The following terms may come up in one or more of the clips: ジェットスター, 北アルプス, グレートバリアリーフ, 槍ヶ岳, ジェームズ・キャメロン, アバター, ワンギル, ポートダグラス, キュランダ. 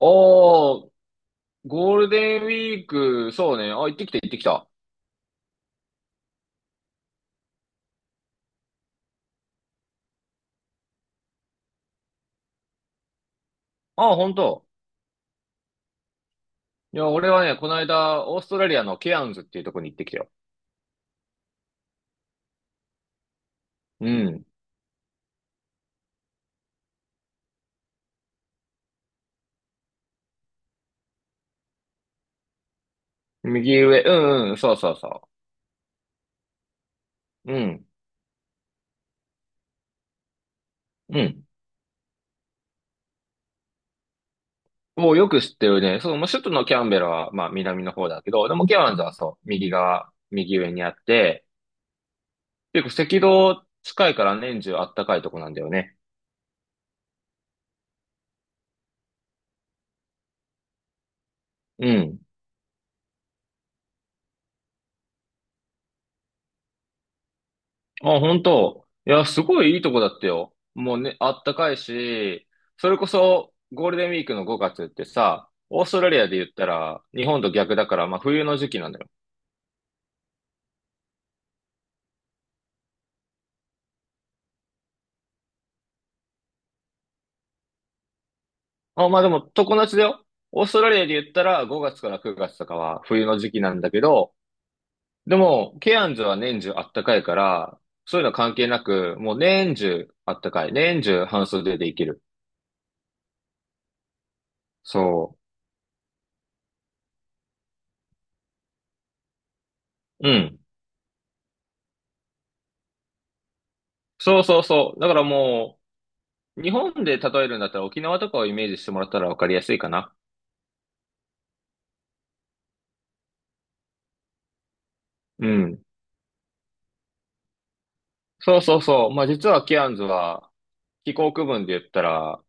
おー、ゴールデンウィーク、そうね。あ、行ってきた、行ってきた。あ、本当。いや、俺はね、この間、オーストラリアのケアンズっていうとこに行ってきたよ。うん。右上、うんうん、そうそうそう。うん、うん。もうよく知ってるね。そう、まあ首都のキャンベラは、まあ、南の方だけど、でもケアンズはそう、右側、右上にあって、結構赤道近いから年中あったかいとこなんだよね。うん。あ、本当。いや、すごいいいとこだったよ。もうね、あったかいし、それこそゴールデンウィークの5月ってさ、オーストラリアで言ったら日本と逆だから、まあ冬の時期なんだよ。あ、まあでも常夏だよ。オーストラリアで言ったら5月から9月とかは冬の時期なんだけど、でも、ケアンズは年中あったかいから、そういうの関係なく、もう年中あったかい。年中半袖でいける。そう。うん。そうそうそう。だからもう、日本で例えるんだったら沖縄とかをイメージしてもらったらわかりやすいかな。うん。そうそうそう。まあ実はケアンズは気候区分で言ったら、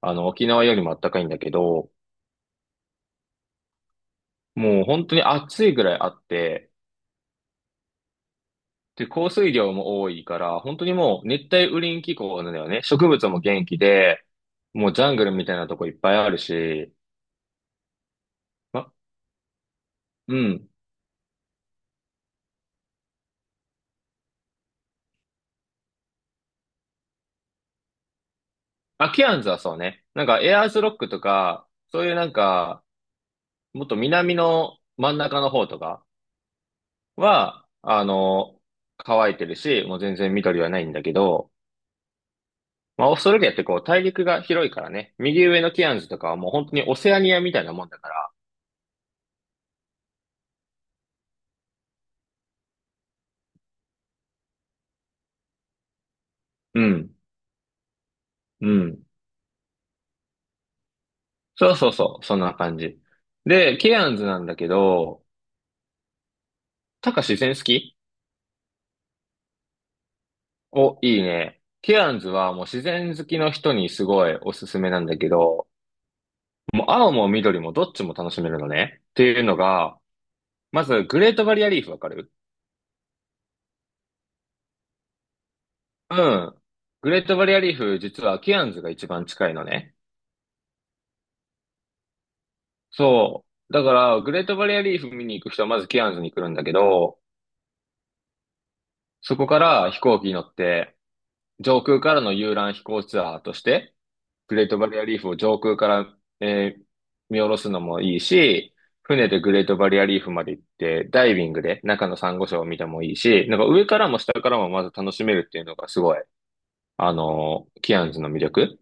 あの沖縄よりも暖かいんだけど、もう本当に暑いぐらいあって、で、降水量も多いから、本当にもう熱帯雨林気候なんだよね。植物も元気で、もうジャングルみたいなとこいっぱいあるし、ま、うん。あ、ケアンズはそうね。なんかエアーズロックとか、そういうなんか、もっと南の真ん中の方とか、は、乾いてるし、もう全然緑はないんだけど、まあ、オーストラリアってこう、大陸が広いからね、右上のケアンズとかはもう本当にオセアニアみたいなもんだから、うん、うん。そうそうそう、そんな感じ。で、ケアンズなんだけど、タカ、自然好き？お、いいね。ケアンズはもう自然好きの人にすごいおすすめなんだけど、もう青も緑もどっちも楽しめるのね。っていうのが、まずグレートバリアリーフわかる？うん。グレートバリアリーフ、実はケアンズが一番近いのね。そう。だから、グレートバリアリーフ見に行く人はまずケアンズに来るんだけど、そこから飛行機に乗って、上空からの遊覧飛行ツアーとして、グレートバリアリーフを上空から、見下ろすのもいいし、船でグレートバリアリーフまで行って、ダイビングで中のサンゴ礁を見てもいいし、なんか上からも下からもまず楽しめるっていうのがすごい、ケアンズの魅力。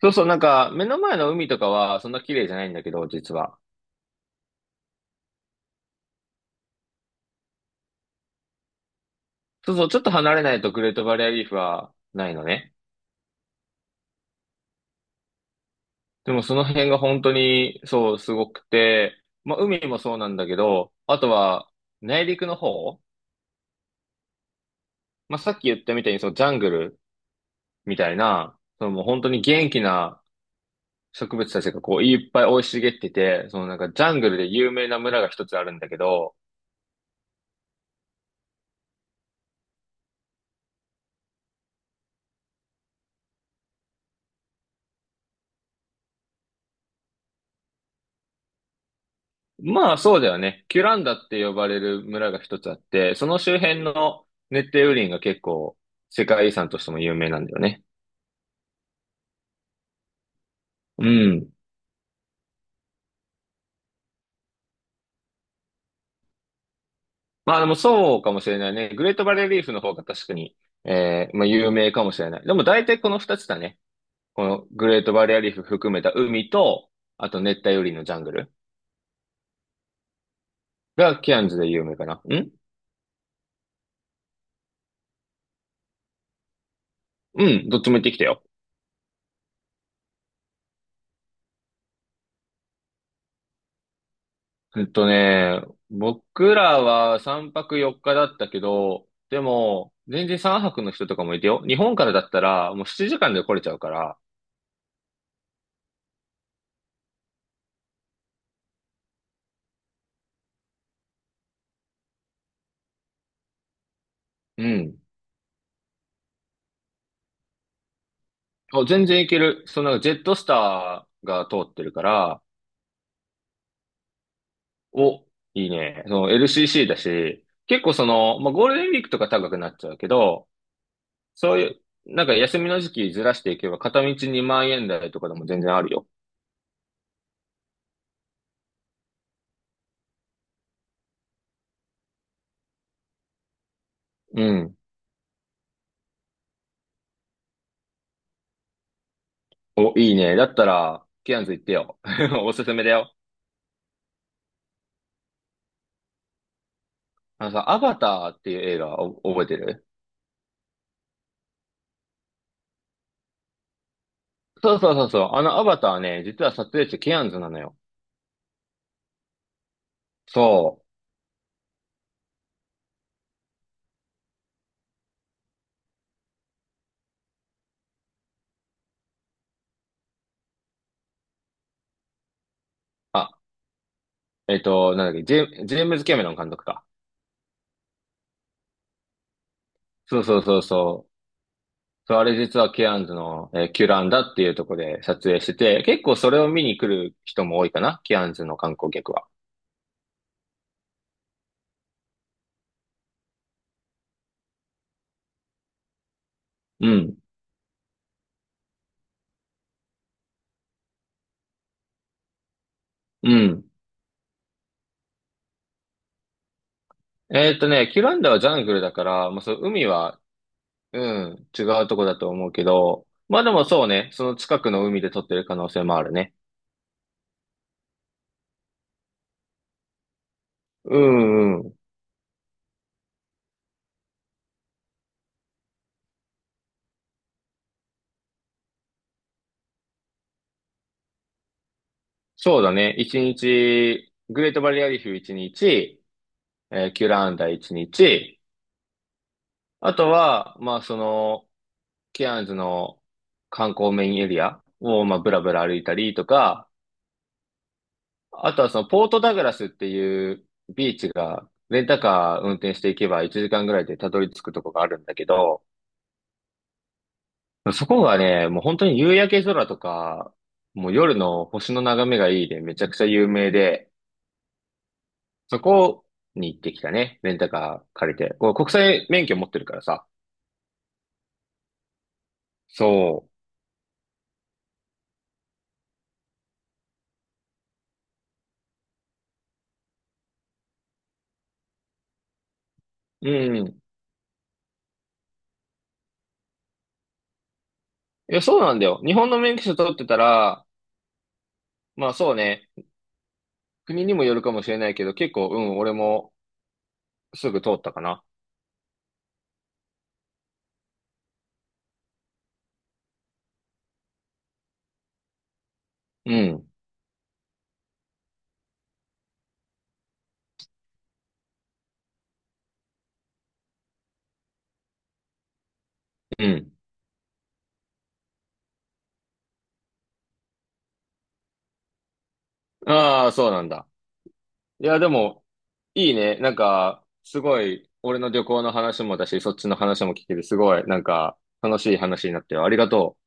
そうそう、なんか、目の前の海とかは、そんな綺麗じゃないんだけど、実は。そうそう、ちょっと離れないとグレートバリアリーフはないのね。でもその辺が本当に、そう、すごくて、まあ、海もそうなんだけど、あとは、内陸の方、まあ、さっき言ったみたいに、そう、ジャングルみたいな、そのもう本当に元気な植物たちがこう、いっぱい生い茂ってて、そのなんか、ジャングルで有名な村が一つあるんだけど、まあそうだよね。キュランダって呼ばれる村が一つあって、その周辺の熱帯雨林が結構世界遺産としても有名なんだよね。うん。まあでもそうかもしれないね。グレートバレーリーフの方が確かに、まあ有名かもしれない。でも大体この二つだね。このグレートバレーリーフ含めた海と、あと熱帯雨林のジャングルがキアンズで有名かな。ん、うん、どっちも行ってきたよ。えっとね、僕らは3泊4日だったけど、でも、全然3泊の人とかもいてよ。日本からだったら、もう7時間で来れちゃうから、うん。あ、全然いける。そのジェットスターが通ってるから、お、いいね。その LCC だし、結構その、まあ、ゴールデンウィークとか高くなっちゃうけど、そういう、なんか休みの時期ずらしていけば、片道2万円台とかでも全然あるよ。うん。お、いいね。だったら、ケアンズ行ってよ。おすすめだよ。あのさ、アバターっていう映画を覚えてる？そうそうそうそう。あのアバターね、実は撮影地ケアンズなのよ。そう。あ、なんだっけ、ジェームズ・キャメロン監督か。そうそうそうそう。そう、あれ実はケアンズの、キュランダっていうとこで撮影してて、結構それを見に来る人も多いかな、ケアンズの観光客は。うん。うん。キュランダはジャングルだから、まあ、そう、海は、うん、違うとこだと思うけど、まあでもそうね、その近くの海で撮ってる可能性もあるね。うんうん。そうだね。一日、グレートバリアリーフ一日、キュラーンダ一日、あとは、まあその、ケアンズの観光メインエリアを、まあブラブラ歩いたりとか、あとはそのポートダグラスっていうビーチが、レンタカー運転していけば1時間ぐらいでたどり着くとこがあるんだけど、そこがね、もう本当に夕焼け空とか、もう夜の星の眺めがいいでめちゃくちゃ有名で、そこに行ってきたね。レンタカー借りて。こう国際免許持ってるからさ。そう。うん。いや、そうなんだよ。日本の免許証取ってたら、まあそうね。国にもよるかもしれないけど、結構、うん、俺もすぐ通ったかな。うん。うん。ああ、そうなんだ。いや、でも、いいね。なんか、すごい、俺の旅行の話もだし、そっちの話も聞けて、すごい、なんか、楽しい話になってよ。ありがとう。